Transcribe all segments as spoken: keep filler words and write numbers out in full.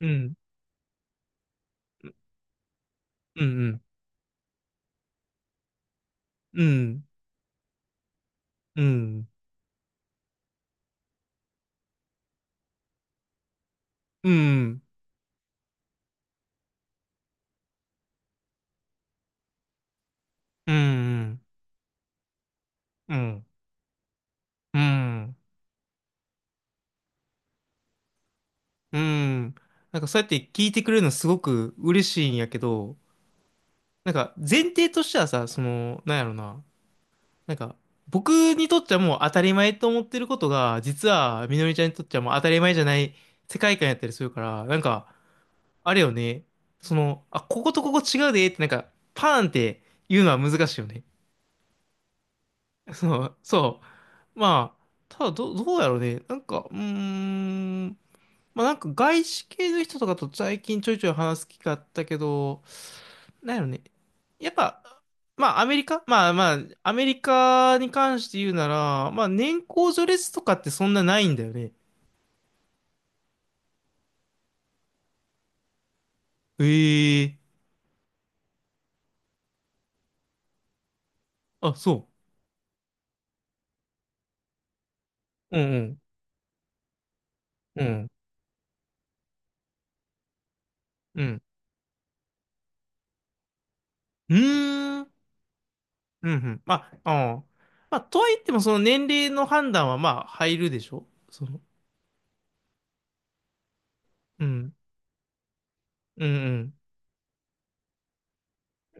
うん、うん、うん、うん、うん、うん、うん、うん、うん。なんかそうやって聞いてくれるのすごく嬉しいんやけど、なんか前提としてはさ、その、なんやろな、なんか僕にとってはもう当たり前と思ってることが、実はみのりちゃんにとってはもう当たり前じゃない世界観やったりするから、なんか、あれよね。その、あ、こことここ違うでって、なんか、パーンって言うのは難しいよね。そう、そう。まあ、ただど、どうやろうね。なんか、うーん。まあなんか外資系の人とかと最近ちょいちょい話す機会あったけど、なんやろね。やっぱ、まあアメリカまあまあ、アメリカに関して言うなら、まあ年功序列とかってそんなないんだよね。ええあ、そう。うんうん。うん。うん。うーん。うんうん。まあ、ああ。まあ、とはいってもその年齢の判断はまあ入るでしょその、うん。うん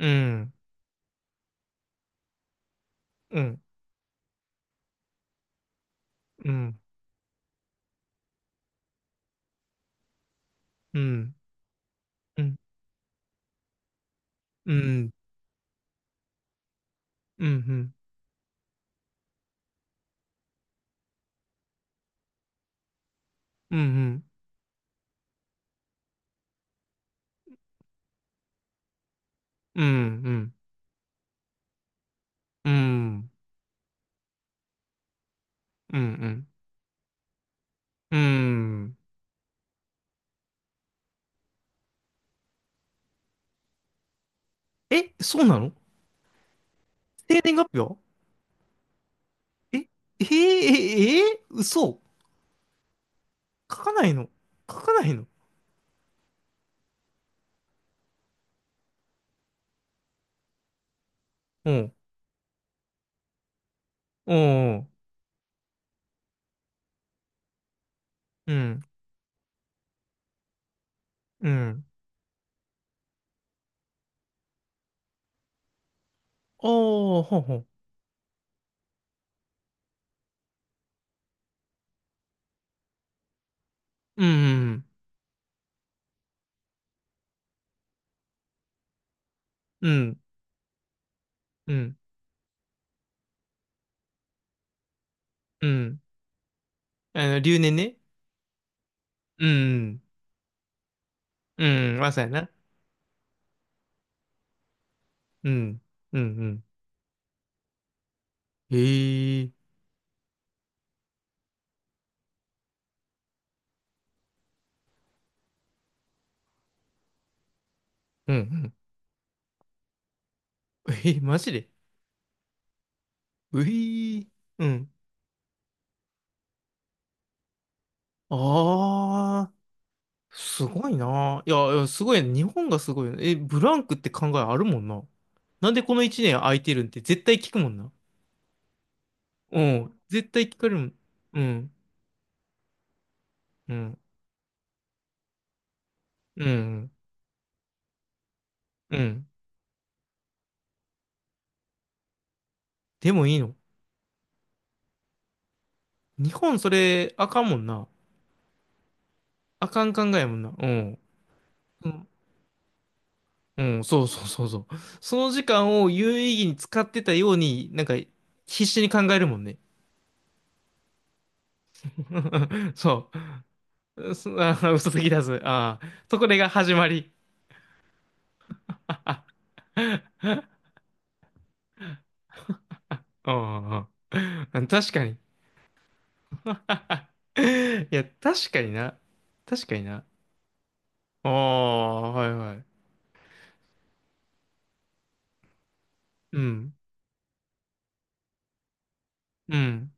うん。うん。うん。うん、うん、うん、うん、うん、うん、うん、うん、うん、うん、うん、うん。え、そうなの？生年月日は？え、えー、えー、えー、嘘。書かないの？書かないの？うん、うん、うん、うん。ああ、ほうほう。うん、うん、うん、うん。あの、留年ね。うん、うん、まさやな。うん、うん、うん。へえ、うん、うん。えー、マジで？ういー。うん。ああ、すごいな。いや、いやすごいね。日本がすごいね。え、ブランクって考えあるもんな。なんでこのいちねん空いてるんって絶対聞くもんな。うん。絶対聞かれるもん。うん。うん。うん。うん。でもいいの？日本それあかんもんな。あかん考えやもんな。うん。うん。うんそうそうそうそう。その時間を有意義に使ってたように、なんか必死に考えるもんね。そう。うすあー嘘つき出す。ああ。そこでが始まり。うんうん確かに。いや、確かにな。確かにな。ああ、はいはい。うん。うん。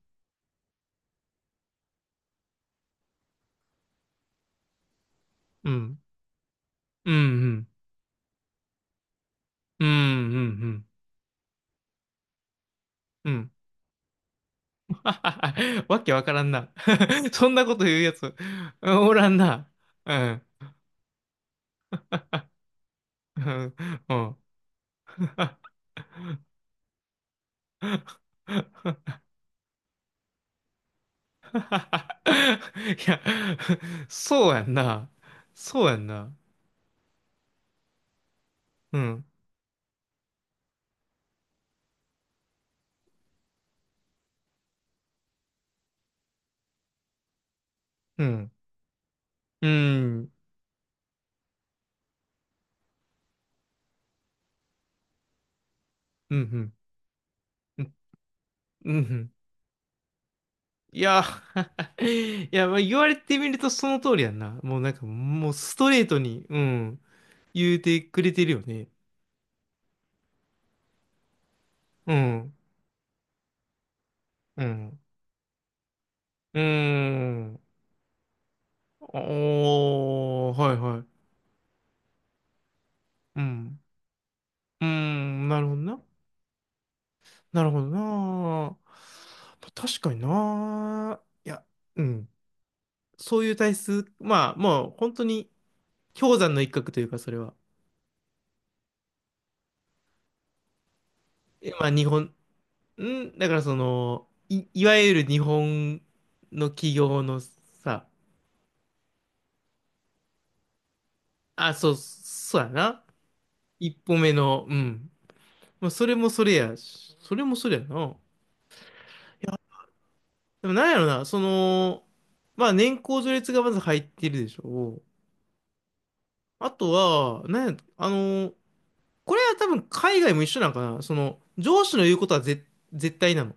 うん。うん。うん。うん。うんうんうん わけわからんな。そんなこと言うやつ、おらんな。うん。うん。うん。いや、そうやんな。そうやんな。うん、うん、うん、うん、うん、うん。いや、いや、まあ、言われてみるとその通りやんな。もうなんか、もうストレートに、うん、言うてくれてるよね。うん、うん、うーん。おー、はいはい。うん、うーん、なるほどな。なるほどな。まあ確かにな。いや、うん。そういう体質、まあ、もう本当に氷山の一角というか、それは。えまあ、日本、ん、だからその、い、いわゆる日本の企業のさ、あ、そう、そうやな。一歩目の、うん。まあ、それもそれやし、それもそれやな。でもなんやろな、その、まあ年功序列がまず入ってるでしょ。あとは、なんや、あの、これは多分海外も一緒なんかな。その、上司の言うことはぜ、絶対なの。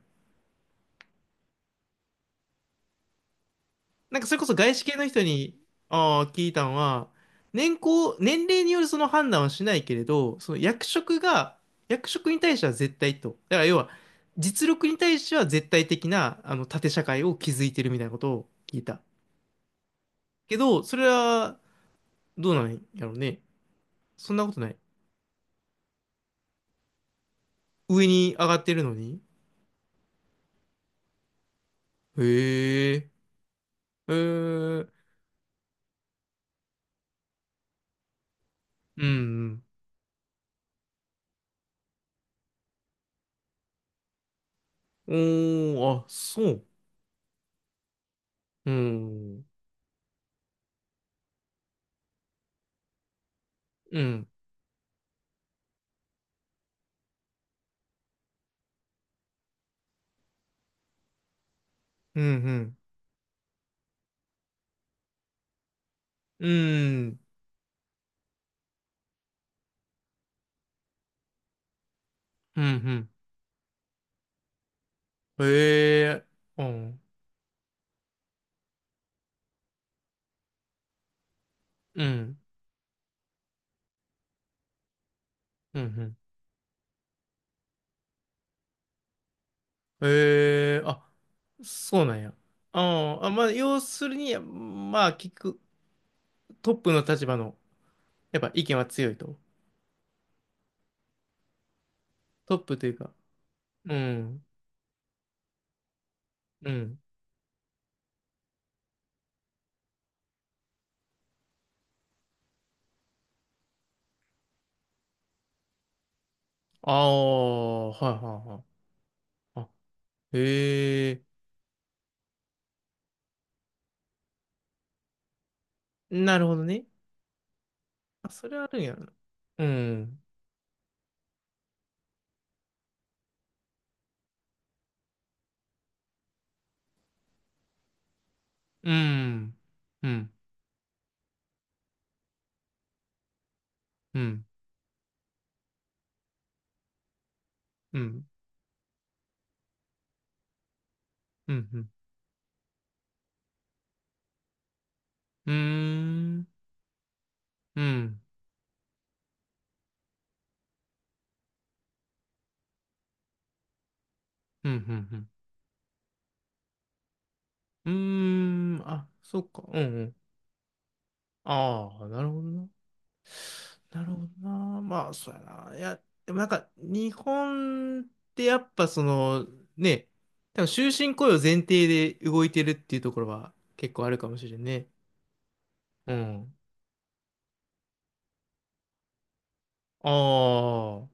なんかそれこそ外資系の人に、ああ、聞いたのは、年功、年齢によるその判断はしないけれど、その役職が、役職に対しては絶対と。だから要は、実力に対しては絶対的な、あの、縦社会を築いてるみたいなことを聞いた。けど、それは、どうなんやろうね。そんなことない。上に上がってるのに。へえ、へえ、うん、うん。おー、あ、そう。うん、うん、うん、うん、うん。うんうんええうん、うん、うん、うん。ええあ、そうなんや。あーあ、まあ、要するに、まあ、聞く、トップの立場の、やっぱ意見は強いと。トップというか、うん、うん。ああ、はいはいはい。あ、へえなるほどね。あ、それあるんやな。うん、うん、うん、うん、うん、うん、うん、うん、うん、うん、うん、うん。うん、あ、そっか、うん、うんああ、なるほどな。なるほどな。まあ、そうやな。いや、でもなんか、日本ってやっぱその、ね、多分終身雇用前提で動いてるっていうところは結構あるかもしれんね。うん。ああ、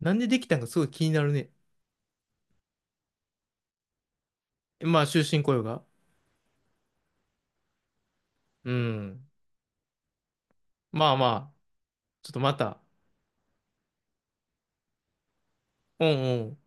なんでできたんかすごい気になるね。まあ、終身雇用が。うん。まあまあ、ちょっとまた、うんうん。